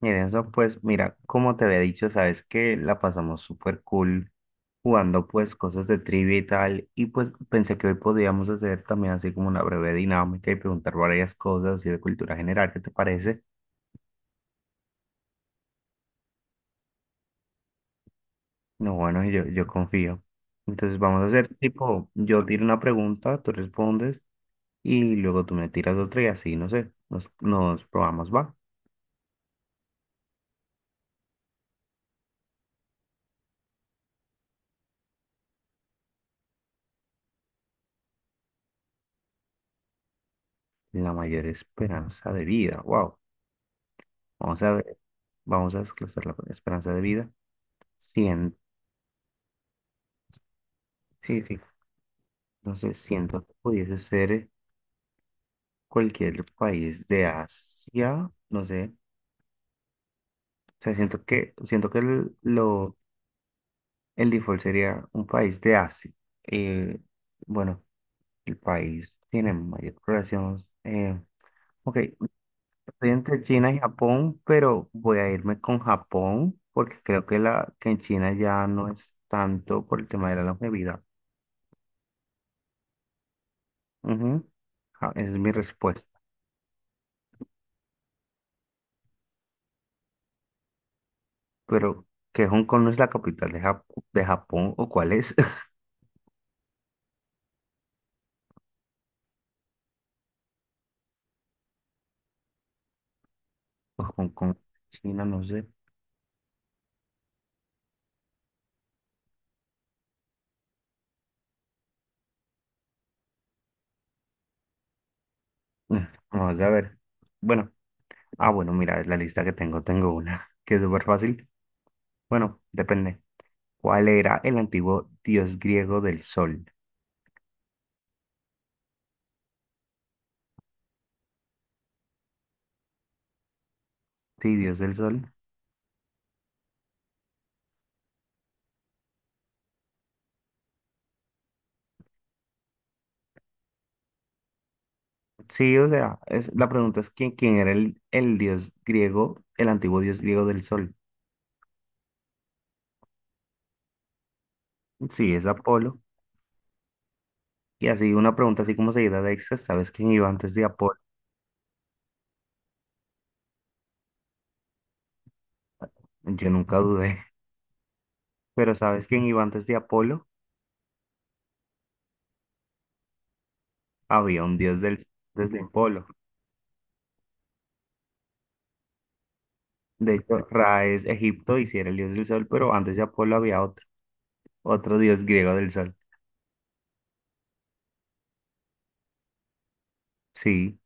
Miren, eso pues, mira, como te había dicho, sabes que la pasamos súper cool jugando pues cosas de trivia y tal, y pues pensé que hoy podíamos hacer también así como una breve dinámica y preguntar varias cosas así de cultura general, ¿qué te parece? No, bueno, yo confío. Entonces vamos a hacer tipo, yo tiro una pregunta, tú respondes y luego tú me tiras otra y así, no sé, nos probamos, va. La mayor esperanza de vida, wow. Vamos a ver, vamos a desglosar la esperanza de vida. 100. Sí, sí. No sé, siento que pudiese ser cualquier país de Asia, no sé. O sea, siento que el, lo, el default sería un país de Asia. Eh, bueno, el país tiene mayor población. Ok, estoy entre China y Japón, pero voy a irme con Japón porque creo que, que en China ya no es tanto por el tema de la longevidad. Ujú. Esa es mi respuesta. Pero, ¿que Hong Kong no es la capital de de Japón o cuál es? Pues con China, no sé. Mm. Vamos a ver. Bueno, bueno, mira, la lista que tengo, tengo una que es súper fácil. Bueno, depende. ¿Cuál era el antiguo dios griego del sol? Sí, dios del sol. Sí, o sea, es, la pregunta es quién era el dios griego, el antiguo dios griego del sol. Sí, es Apolo. Y así una pregunta así como seguida de extra, ¿sabes quién iba antes de Apolo? Yo nunca dudé. Pero ¿sabes quién iba antes de Apolo? Había un dios del desde Apolo. De hecho, Ra es Egipto y sí era el dios del sol, pero antes de Apolo había otro, otro dios griego del sol. Sí,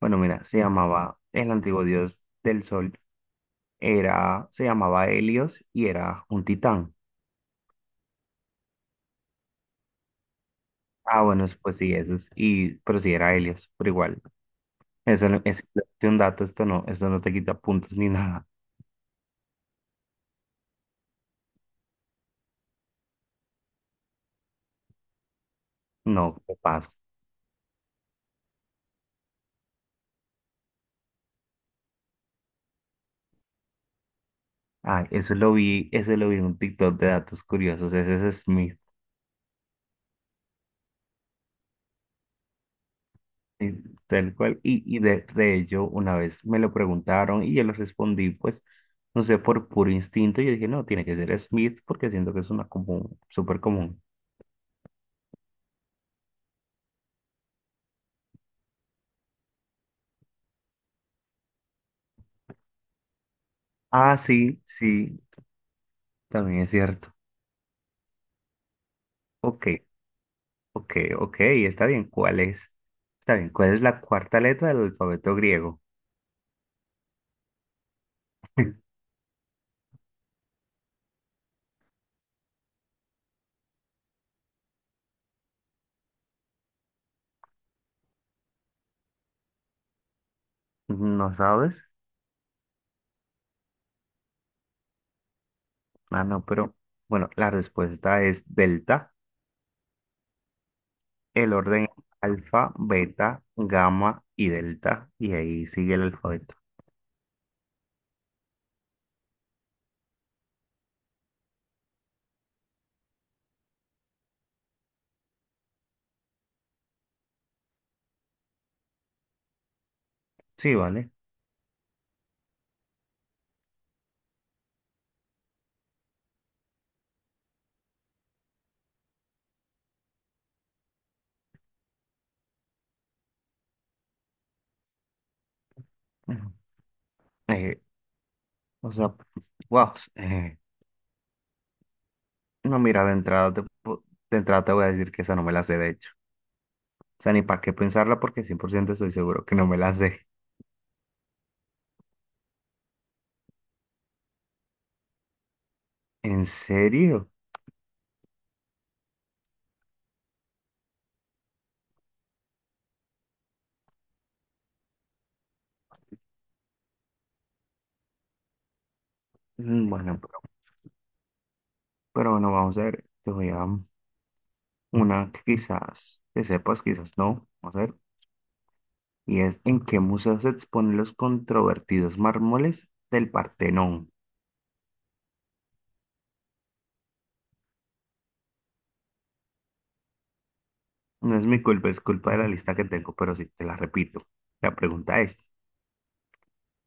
bueno, mira, se llamaba, el antiguo dios del sol era, se llamaba Helios y era un titán. Ah, bueno, pues sí, eso es, y, pero sí era Helios, pero igual, eso no- es simplemente un dato, esto no te quita puntos ni nada. No, qué pasa. Ah, eso lo vi en un TikTok de datos curiosos, ese es mi. Sí, tal cual. Y, de ello, una vez me lo preguntaron y yo les respondí, pues, no sé, por puro instinto, yo dije, no, tiene que ser Smith porque siento que es una común, súper común. Ah, sí, sí, también es cierto. Ok, ok, está bien. ¿Cuál es? Está bien, ¿cuál es la cuarta letra del alfabeto griego? ¿No sabes? Ah, no, pero bueno, la respuesta es delta. El orden es alfa, beta, gamma y delta. Y ahí sigue el alfabeto. Sí, vale. Ujú. Eh, o sea, wow. No, mira, de entrada te voy a decir que esa no me la sé, de hecho. O sea, ni para qué pensarla porque 100% estoy seguro que no me la sé. ¿En serio? Mm. Pero bueno, vamos a ver. Te voy a una que quizás te sepas, quizás no. Vamos a ver. Y es ¿en qué museo se exponen los controvertidos mármoles del Partenón? No es mi culpa, es culpa de la lista que tengo, pero sí, te la repito. La pregunta es,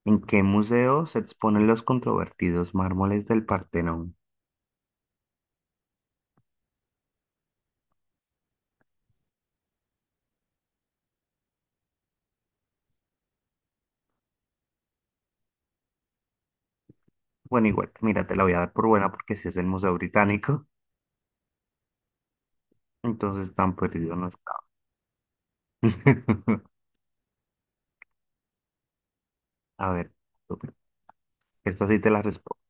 ¿en qué museo se exponen los controvertidos mármoles del Partenón? Bueno, igual, mira, te la voy a dar por buena porque si es el Museo Británico, entonces tan perdido no está. A ver, esta sí te la respondo.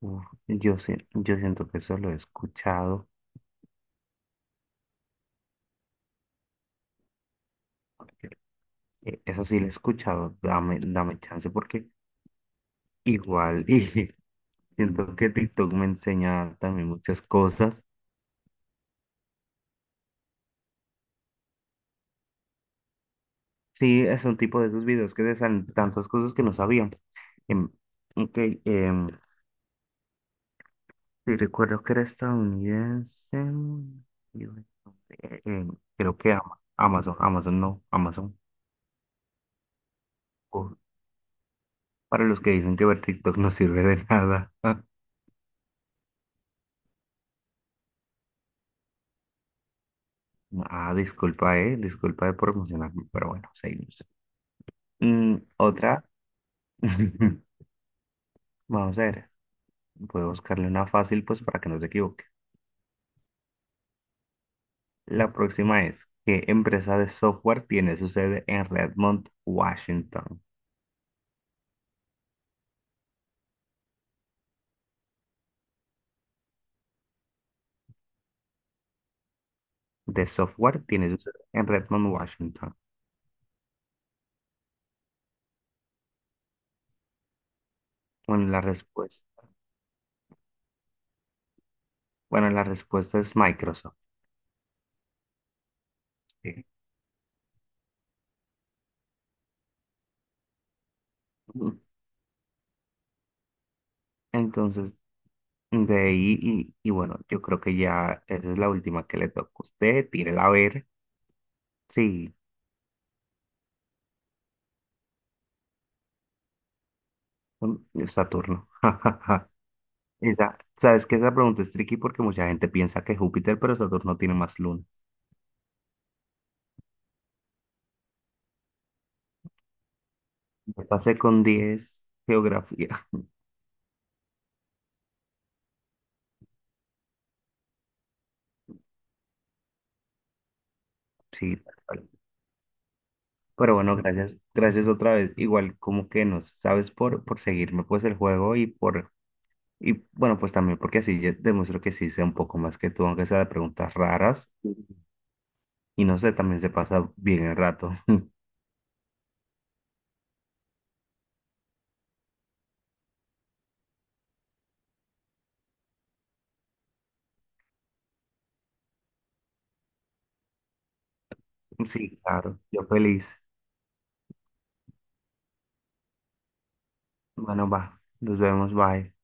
Uf, yo siento que eso lo he escuchado. Eso sí lo he escuchado. Dame chance porque igual, y siento que TikTok me enseña también muchas cosas. Sí, es un tipo de esos videos que te salen tantas cosas que no sabían. Em, ok, em, sí, recuerdo que era estadounidense. y, eh, eh, Creo que Ama- Amazon, Amazon no, Amazon. Por- para los que dicen que ver TikTok no sirve de nada. Ah, disculpa, disculpa de por emocionarme, pero bueno, seguimos. Mm, otra. Vamos a ver, voy a buscarle una fácil pues para que no se equivoque. La próxima es, ¿qué empresa de software tiene su sede en Redmond, Washington? De software tiene su sede en Redmond, Washington. Bueno, la respuesta. Bueno, la respuesta es Microsoft. Sí. Entonces, de ahí, y bueno, yo creo que ya esa es la última que le toca a usted. Tírela a ver. Sí, mm, Saturno. Esa, sabes que esa pregunta es tricky porque mucha gente piensa que Júpiter, pero Saturno tiene más lunas. Yo pasé con 10. Geografía. Sí, tal cual. Pero bueno, gracias, gracias otra vez. Igual como que nos sabes por seguirme pues el juego y por. Y bueno, pues también porque así yo demuestro que sí sé un poco más que tú, aunque sea de preguntas raras. Y no sé, también se pasa bien el rato. Sí, claro, yo feliz. Bueno, va, nos vemos, bye.